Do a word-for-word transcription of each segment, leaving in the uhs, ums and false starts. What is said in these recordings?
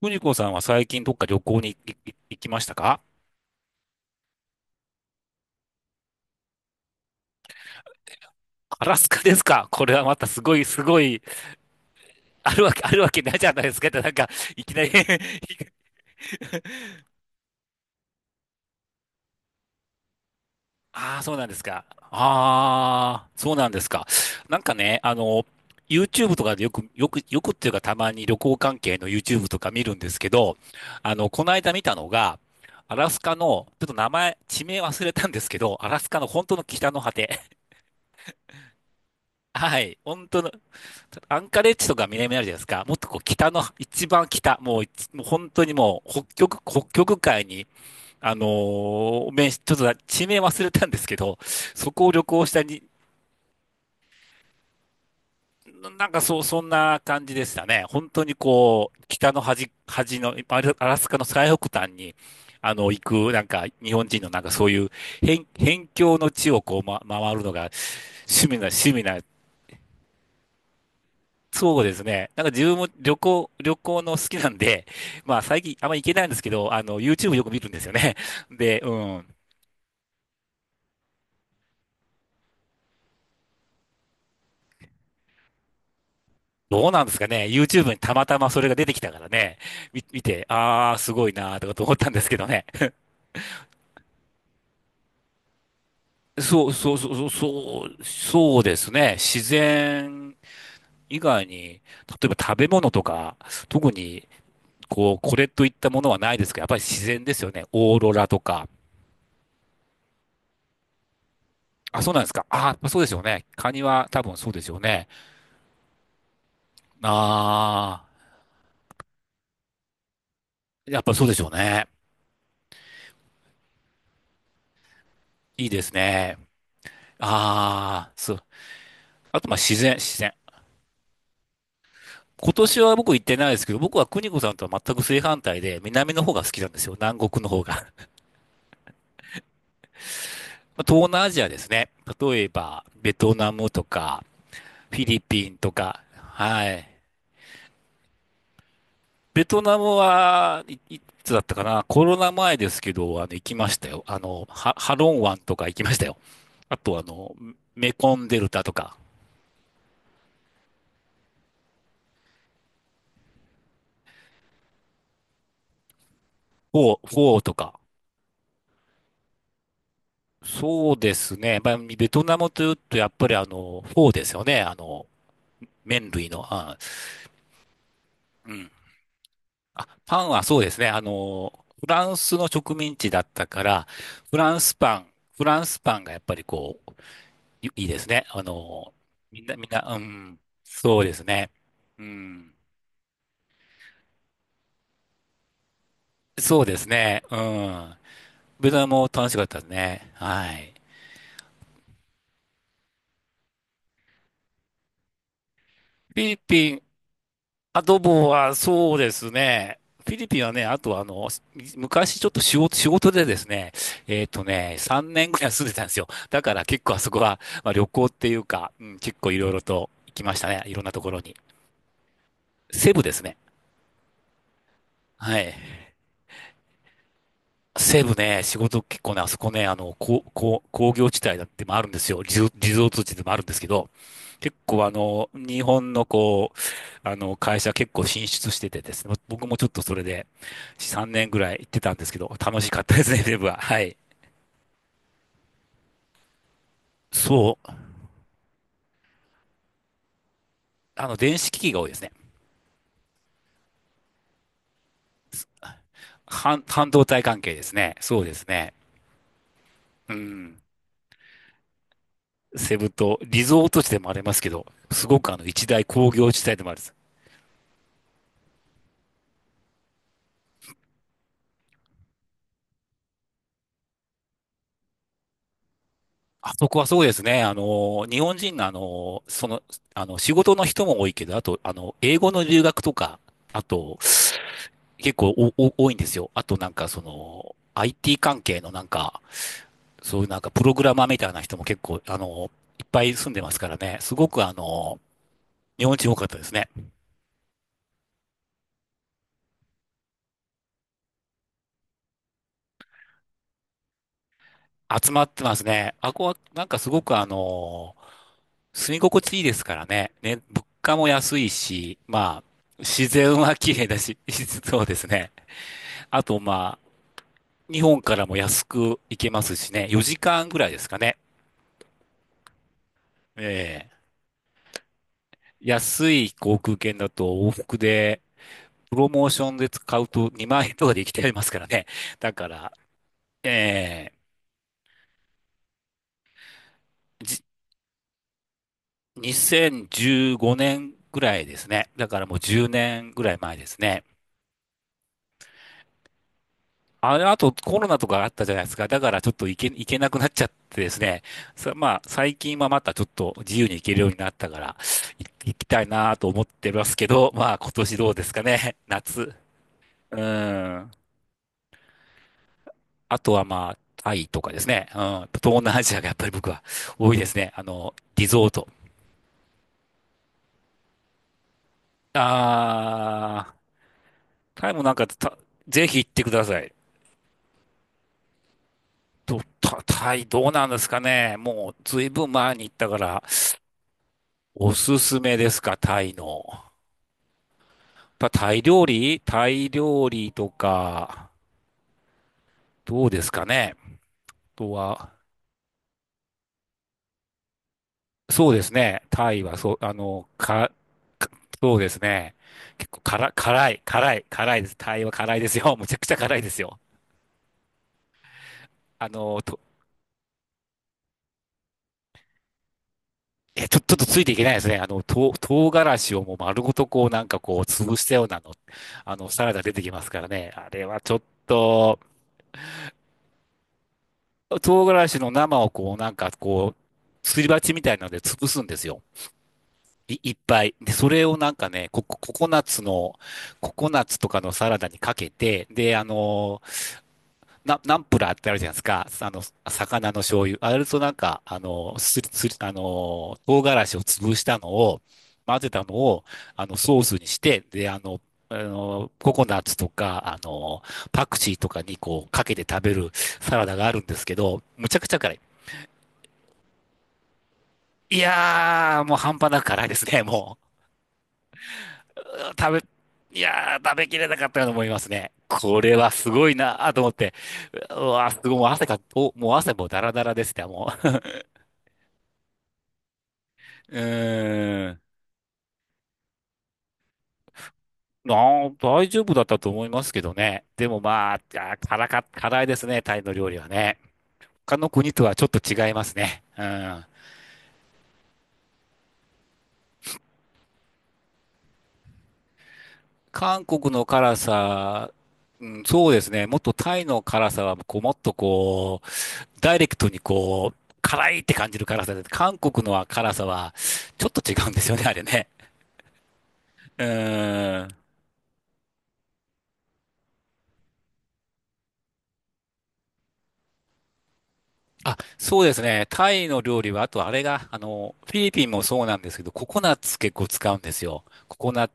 藤子さんは最近どっか旅行に行行行きましたか？アラスカですか。これはまたすごい、すごい、あるわけ、あるわけないじゃないですか。なんか、いきなり ああ、そうなんですか。ああ、そうなんですか。なんかね、あの、YouTube とかでよく、よく、よくっていうかたまに旅行関係の YouTube とか見るんですけど、あの、この間見たのが、アラスカの、ちょっと名前、地名忘れたんですけど、アラスカの本当の北の果て。はい。本当の、アンカレッジとか南にあるじゃないですか。もっとこう北の、一番北、もういもう本当にもう北極、北極海に、あのー面し、ちょっと地名忘れたんですけど、そこを旅行したに、ななんかそう、そんな感じでしたね。本当にこう、北の端、端の、アラアラスカの最北端に、あの、行く、なんか、日本人のなんかそういう、辺、辺境の地をこう、ま、回るのが、趣味な、趣味な、そうですね。なんか自分も旅行、旅行の好きなんで、まあ最近あんまり行けないんですけど、あの、YouTube よく見るんですよね。で、うん。どうなんですかね。YouTube にたまたまそれが出てきたからね。み見て、ああ、すごいなーとかと思ったんですけどね。そう、そうそうそう、そうそうですね。自然以外に、例えば食べ物とか、特に、こう、これといったものはないですけど、やっぱり自然ですよね。オーロラとか。あ、そうなんですか。あ、そうですよね。カニは多分そうですよね。ああ、やっぱそうでしょうね。いいですね。ああ、そう。あと、まあ、自然、自然。今年は僕行ってないですけど、僕は邦子さんとは全く正反対で、南の方が好きなんですよ。南国の方が。まあ東南アジアですね。例えば、ベトナムとか、フィリピンとか。はい。ベトナムは、い、いつだったかな、コロナ前ですけど、あの、行きましたよ。あの、ハ、ハロン湾とか行きましたよ。あと、あの、メコンデルタとか、フォー、フォーとか。そうですね。まあ、ベトナムというと、やっぱりあの、フォーですよね。あの、麺類の。あ、うん。あ、パンはそうですね。あの、フランスの植民地だったから、フランスパン、フランスパンがやっぱりこう、いいいですね。あの、みんな、みんな、うん。そうですね。うん。そうですね。うん。ベトナムも楽しかったですね。はい。フィリピン、アドボはそうですね。フィリピンはね、あとあの、昔ちょっと仕事、仕事でですね、えっとね、さんねんぐらい住んでたんですよ。だから結構あそこは、まあ、旅行っていうか、うん、結構いろいろと行きましたね。いろんなところに。セブですね。はい。西部ね、仕事結構ね、あそこね、あの、こう、こう、工業地帯だってもあるんですよ。リゾ、リゾート地でもあるんですけど、結構あの、日本のこう、あの、会社結構進出しててですね、僕もちょっとそれでさんねんぐらい行ってたんですけど、楽しかったですね、西部は。はい。そう。あの、電子機器が多いですね。半、半導体関係ですね。そうですね。うん。セブ島、リゾート地でもありますけど、すごくあの、一大工業地帯でもある。あそこはそうですね。あの、日本人のあの、その、あの、仕事の人も多いけど、あと、あの、英語の留学とか、あと、結構おお多いんですよ。あとなんかその、アイティー 関係のなんか、そういうなんかプログラマーみたいな人も結構、あの、いっぱい住んでますからね。すごくあの、日本人多かったですね。集まってますね。あこはなんかすごくあの、住み心地いいですからね。ね、物価も安いし、まあ、自然は綺麗だし、そうですね。あと、ま日本からも安く行けますしね、よじかんぐらいですかね。ええ安い航空券だと往復で、プロモーションで使うとにまん円とかで行きていますからね。だから、ええじにせんじゅうごねんぐらいですね。だからもうじゅうねんぐらい前ですね。あの後コロナとかあったじゃないですか。だからちょっと行け、行けなくなっちゃってですね。さ、まあ最近はまたちょっと自由に行けるようになったから、い行きたいなと思ってますけど、まあ今年どうですかね。夏。うん。あとはまあタイとかですね。うん。東南アジアがやっぱり僕は多いですね。あの、リゾート。あー、タイもなんかた、ぜひ行ってください。と、タタイどうなんですかね。もうずいぶん前に行ったから、おすすめですか、タイの。やっぱタイ料理タイ料理とか、どうですかね。あとは、そうですね。タイは、そう、あの、か、かそうですね。結構辛、辛い、辛い、辛いです。タイは辛いですよ。むちゃくちゃ辛いですよ。あの、と、え、ちょ、ちょっとついていけないですね。あの、とう、唐辛子をもう丸ごとこう、なんかこう、潰したようなの、あの、サラダ出てきますからね。あれはちょっと、唐辛子の生をこう、なんかこう、すり鉢みたいなので潰すんですよ。い、いっぱい。で、それをなんかね、ココ、ココナッツの、ココナッツとかのサラダにかけて、で、あのー、な、ナンプラーってあるじゃないですか。あの、魚の醤油。あれとなんか、あのー、すり、すり、あのー、唐辛子を潰したのを、混ぜたのを、あの、ソースにして、で、あの、あのー、ココナッツとか、あのー、パクチーとかにこう、かけて食べるサラダがあるんですけど、むちゃくちゃ辛い。いやー、もう半端なく辛いですね、もう。うー食べ、いやー、食べきれなかったように思いますね。これはすごいなーと思って。うわー、すごい、もう汗か、お、もう汗もダラダラですね、もう。うーん。なあ、大丈夫だったと思いますけどね。でもまあ、あー辛か、辛いですね、タイの料理はね。他の国とはちょっと違いますね。うん。韓国の辛さ、うん、そうですね。もっとタイの辛さは、こう、もっとこう、ダイレクトにこう、辛いって感じる辛さで、韓国のは辛さは、ちょっと違うんですよね、あれね。うん。あ、そうですね。タイの料理は、あとあれが、あの、フィリピンもそうなんですけど、ココナッツ結構使うんですよ。ココナッツ、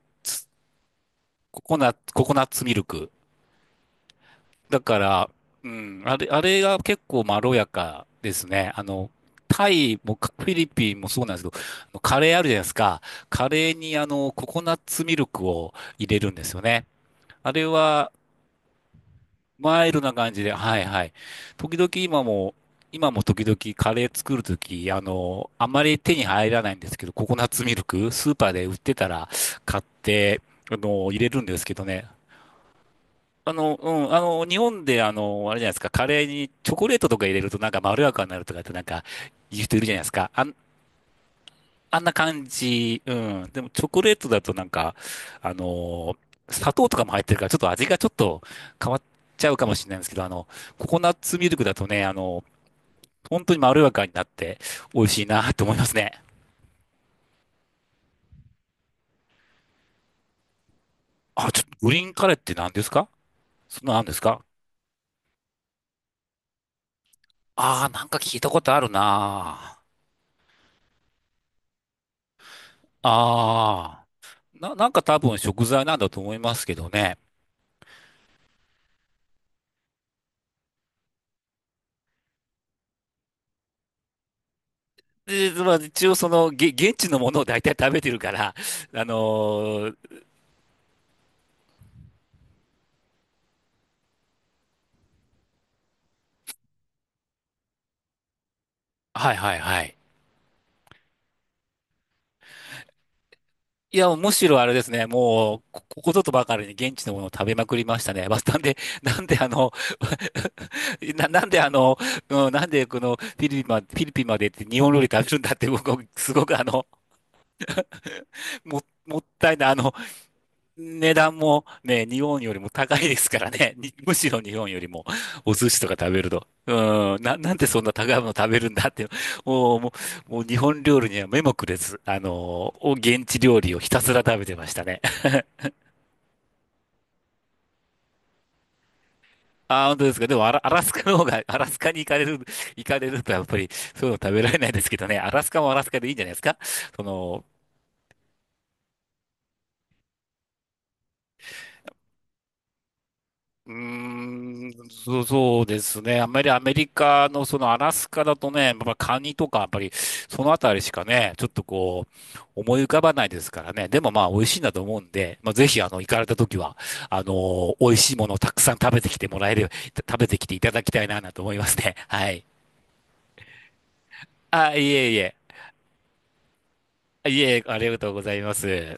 ココナッツ、ココナッツミルク。だから、うん、あれ、あれが結構まろやかですね。あの、タイもかフィリピンもそうなんですけど、あのカレーあるじゃないですか。カレーにあの、ココナッツミルクを入れるんですよね。あれは、マイルドな感じで、はいはい。時々今も、今も時々カレー作るとき、あの、あまり手に入らないんですけど、ココナッツミルク、スーパーで売ってたら買って、あの、入れるんですけどね。あの、うん、あの、日本で、あの、あれじゃないですか、カレーにチョコレートとか入れるとなんかまろやかになるとかってなんか言う人いるじゃないですか。あん、あんな感じ。うん。でもチョコレートだとなんか、あの、砂糖とかも入ってるからちょっと味がちょっと変わっちゃうかもしれないんですけど、あの、ココナッツミルクだとね、あの、本当にまろやかになって美味しいなと思いますね。あ、ちょっとグリーンカレーって何ですか？そんなのあるんですか？ああー、なんか聞いたことあるな。ああー。な、なんか多分食材なんだと思いますけどね。で、まあ、一応その、げ、現地のものを大体食べてるから、あのー、はいはいはい。いや、むしろあれですね、もう、ここことばかりに現地のものを食べまくりましたね。まあ、なんで、なんであの、な、なんであの、うん、なんでこのフィリピンまで、フィリピンまで行って日本料理食べるんだって僕、すごくあの、も、もったいない、あの、値段もね、日本よりも高いですからね。にむしろ日本よりもお寿司とか食べると。うん、な、なんでそんな高いもの食べるんだって。もう、もう、もう日本料理には目もくれず、あのー、現地料理をひたすら食べてましたね。ああ、本当ですか。でもアラ、アラスカの方が、アラスカに行かれる、行かれるとやっぱりそういうの食べられないですけどね。アラスカもアラスカでいいんじゃないですか。その、うーん、そそうですね。あんまりアメリカのそのアラスカだとね、まあ、カニとかやっぱりそのあたりしかね、ちょっとこう思い浮かばないですからね。でもまあ美味しいんだと思うんで、まあ、ぜひあの行かれた時は、あの、美味しいものをたくさん食べてきてもらえる、食べてきていただきたいな、なと思いますね。はい。あ、いえいえ。いえ、ありがとうございます。